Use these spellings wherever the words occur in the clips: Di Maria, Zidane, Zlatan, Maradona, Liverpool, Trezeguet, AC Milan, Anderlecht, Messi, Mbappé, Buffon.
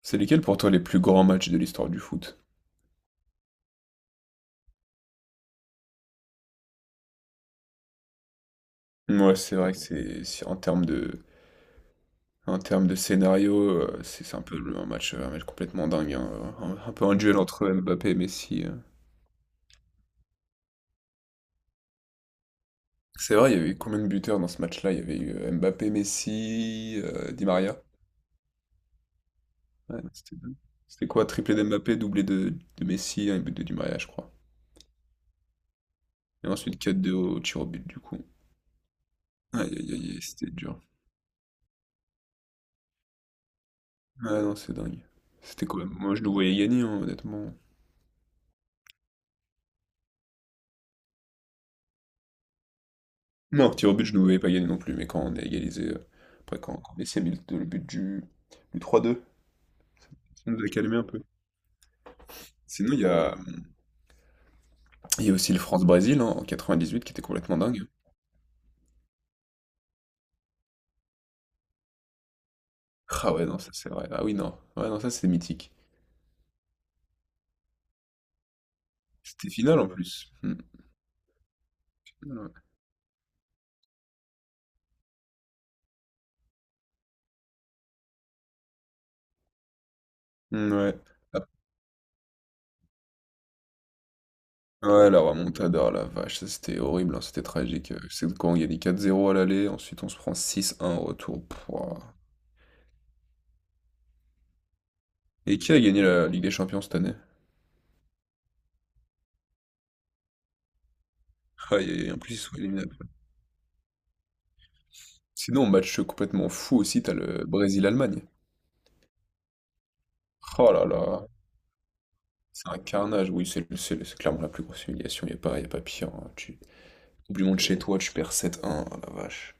C'est lesquels pour toi les plus grands matchs de l'histoire du foot? Ouais, c'est vrai que en termes de scénario, c'est un peu un match complètement dingue, hein, un peu un duel entre Mbappé et Messi. C'est vrai, il y avait eu combien de buteurs dans ce match-là? Il y avait eu Mbappé, Messi, Di Maria. Ouais, non, c'était quoi? Triplé d'Mbappé, doublé de Messi, un but de Di Maria, je crois. Et ensuite quatre 2 au tir au but du coup. Aïe aïe aïe, aïe, c'était dur. Ouais, non, c'est dingue. C'était quoi? Moi, je nous voyais gagner, hein, honnêtement. Non, tir au but, je ne voulais pas gagner non plus, mais quand on a égalisé, après quand Messi a mis le but du 3-2 ça nous a calmé un peu. Sinon, il y a aussi le France-Brésil, hein, en 98 qui était complètement dingue. Ah ouais, non, ça c'est vrai. Ah oui, non. Ouais, non, ça c'est mythique. C'était final en plus. Hmm. Ouais. Hmm, ouais. Ah, ouais, la remontada, oh la vache, ça c'était horrible, hein, c'était tragique. C'est quand on gagnait 4-0 à l'aller, ensuite on se prend 6-1 au retour. Pouah. Et qui a gagné la Ligue des Champions cette année? Ah, et en plus ils sont éliminés. Sinon, match complètement fou aussi, t'as le Brésil-Allemagne. Oh là là, c'est un carnage. Oui, c'est clairement la plus grosse humiliation. Il n'y a pas, y a pas pire, hein. Coupe du monde chez toi, tu perds 7-1. Oh la vache.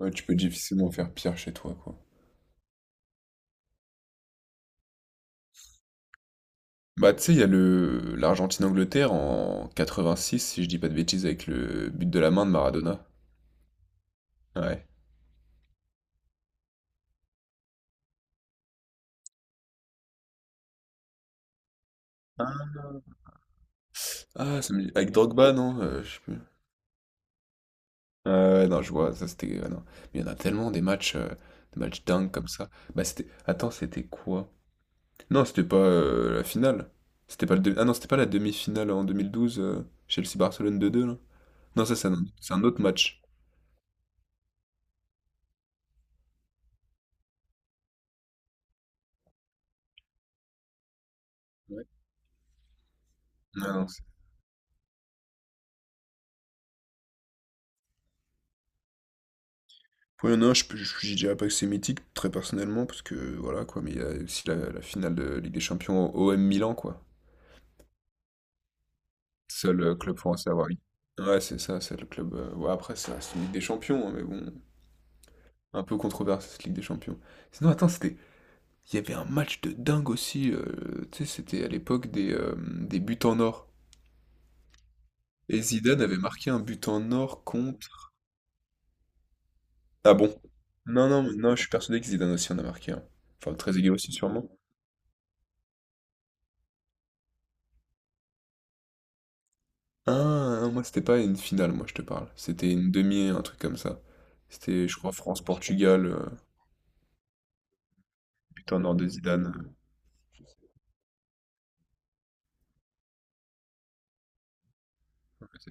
Ouais, tu peux difficilement faire pire chez toi, quoi. Bah, tu sais, il y a le l'Argentine-Angleterre en 86, si je dis pas de bêtises, avec le but de la main de Maradona. Ouais. Ah, avec Drogba, non? Je sais plus. Ah ouais, non, je vois, ça c'était. Ah non. Mais il y en a tellement des matchs dingues comme ça. Bah, c'était. Attends, c'était quoi? Non, c'était pas la finale. C'était pas le demi- Ah non, c'était pas la demi-finale en 2012, Chelsea-Barcelone 2-2 là. Non, ça, c'est un autre match. Ouais. Non, non. Ouais, non, je dirais pas que c'est mythique, très personnellement, parce que voilà quoi, mais il y a aussi la finale de Ligue des Champions au OM Milan, quoi. Seul club français à avoir gagné. Ouais, c'est ça, c'est le club. Ouais, après, ça reste une Ligue des Champions, hein, mais bon, un peu controversé cette Ligue des Champions. Sinon, attends, c'était. Il y avait un match de dingue aussi, tu sais, c'était à l'époque des buts en or. Et Zidane avait marqué un but en or contre. Ah bon? Non, non, non, je suis persuadé que Zidane aussi en a marqué un. Enfin, Trezeguet aussi sûrement. Ah, non, moi c'était pas une finale, moi je te parle. C'était une demi, un truc comme ça. C'était, je crois, France-Portugal, but en or de Zidane. euh,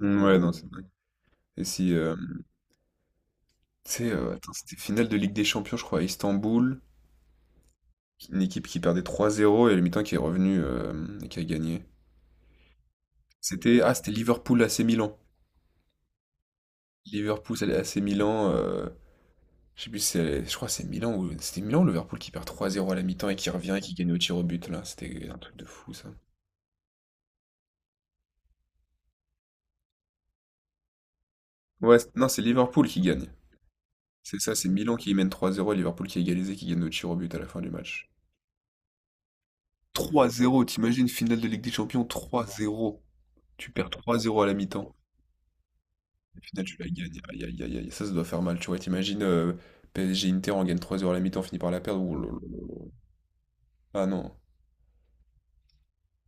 Mm, ouais, non, c'est dingue. Et si, tu sais, attends, c'était finale de Ligue des Champions, je crois, à Istanbul, une équipe qui perdait 3-0 et le mi-temps qui est revenu, et qui a gagné. C'était Liverpool AC Milan. Liverpool AC Milan. Je sais plus si c'est, je crois que c'est Milan ou c'était Milan ou Liverpool qui perd 3-0 à la mi-temps et qui revient et qui gagne au tir au but là. C'était un truc de fou ça. Ouais, non, c'est Liverpool qui gagne. C'est ça, c'est Milan qui mène 3-0 et Liverpool qui a égalisé qui gagne au tir au but à la fin du match. 3-0, t'imagines finale de Ligue des Champions 3-0. Tu perds 3-0 à la mi-temps. Et finale, tu la gagnes. Aïe aïe aïe aïe, ça doit faire mal, tu vois. T'imagines PSG Inter on gagne 3-0 à la mi-temps, on finit par la perdre. Ouh là là là là. Ah non.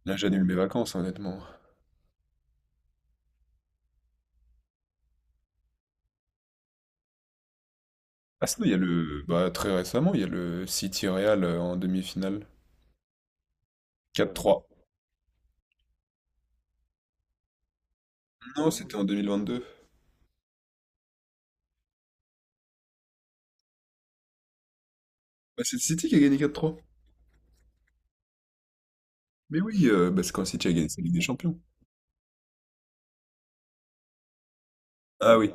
Là j'annule mes vacances, hein, honnêtement. Ah sinon, il y a le bah, très récemment, il y a le City Real, en demi-finale. 4-3. Non, c'était en 2022. Bah, c'est le City qui a gagné 4-3. Mais oui, bah, c'est quand City a gagné sa Ligue des Champions. Ah oui.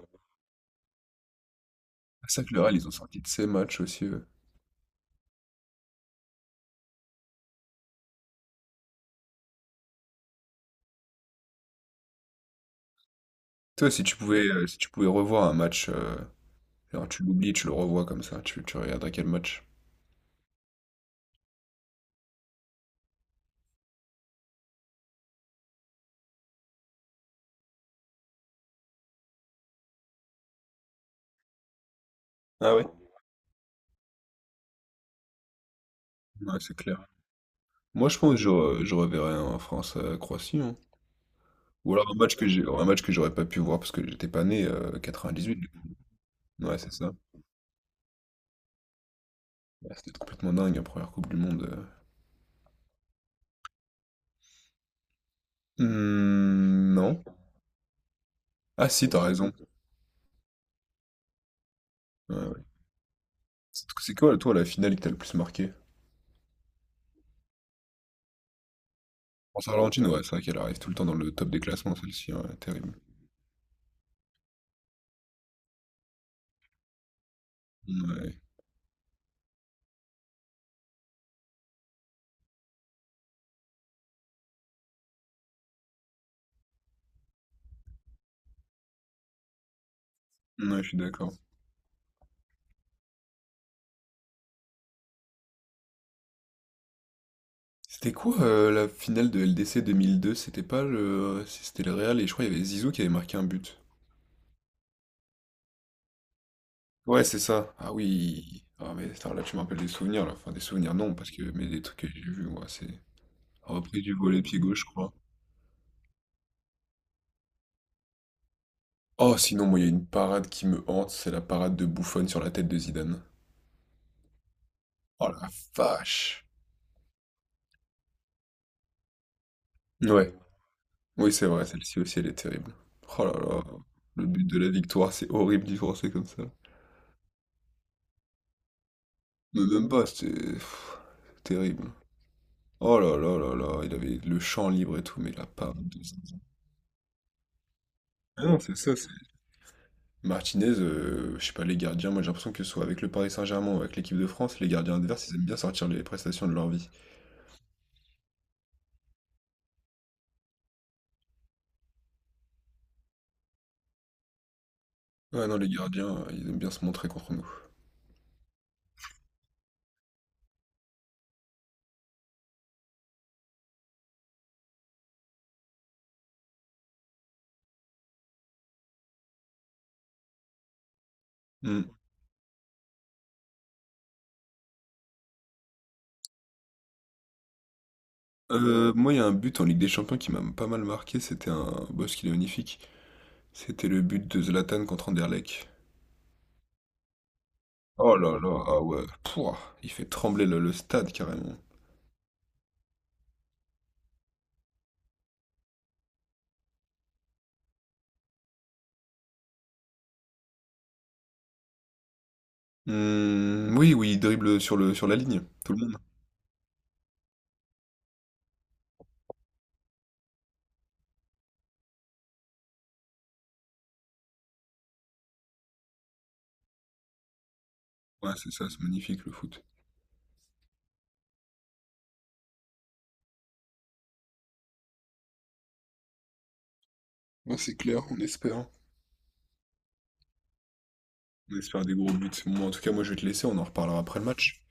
C'est ça que le Real, ils ont sorti de ces matchs aussi. Toi, si tu pouvais revoir un match, genre, tu l'oublies, tu le revois comme ça, tu regarderais quel match. Ah ouais? Ouais, c'est clair. Moi, je pense que je reverrais un France-Croatie, hein. Ou alors un match que j'aurais pas pu voir parce que j'étais pas né, 98, du coup. Ouais, c'est ça. Ouais, c'était complètement dingue, la première Coupe du Monde. Hmm, non. Ah si, t'as raison. Ouais, ouais. C'est quoi, toi, la finale qui t'a le plus marqué? France-Argentine, ouais, c'est vrai qu'elle arrive tout le temps dans le top des classements, celle-ci, ouais, terrible. Ouais, ouais, je suis d'accord. C'était quoi, la finale de LDC 2002? C'était pas le... C'était le Real et je crois qu'il y avait Zizou qui avait marqué un but. Ouais, c'est ça. Ah oui. Ah mais attends, là tu me rappelles des souvenirs là. Enfin, des souvenirs non, parce que mais des trucs que j'ai vus, moi c'est repris du volet pied gauche, je crois. Oh, sinon, moi, il y a une parade qui me hante, c'est la parade de Buffon sur la tête de Zidane. Oh la vache. Ouais, oui, c'est vrai, celle-ci aussi, elle est terrible. Oh là là, le but de la victoire, c'est horrible d'y penser comme ça. Mais même pas, c'était pff, terrible. Oh là là là là, il avait le champ libre et tout, mais la parade de Zidane. Ah non, c'est ça, Martinez, je sais pas, les gardiens, moi j'ai l'impression que ce soit avec le Paris Saint-Germain ou avec l'équipe de France, les gardiens adverses, ils aiment bien sortir les prestations de leur vie. Ouais, non, les gardiens, ils aiment bien se montrer contre nous. Hmm. Moi, il y a un but en Ligue des Champions qui m'a pas mal marqué, c'était un boss qu'il est magnifique. C'était le but de Zlatan contre Anderlecht. Oh là là, ah ouais, pouah, il fait trembler le stade carrément. Hmm, oui, oui, il dribble sur la ligne, tout le monde. Ouais, c'est ça, c'est magnifique le foot. Ouais, c'est clair, on espère. On espère des gros buts. Moi, en tout cas, moi je vais te laisser, on en reparlera après le match.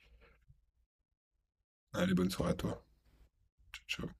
Allez, bonne soirée à toi. Ciao. Ciao.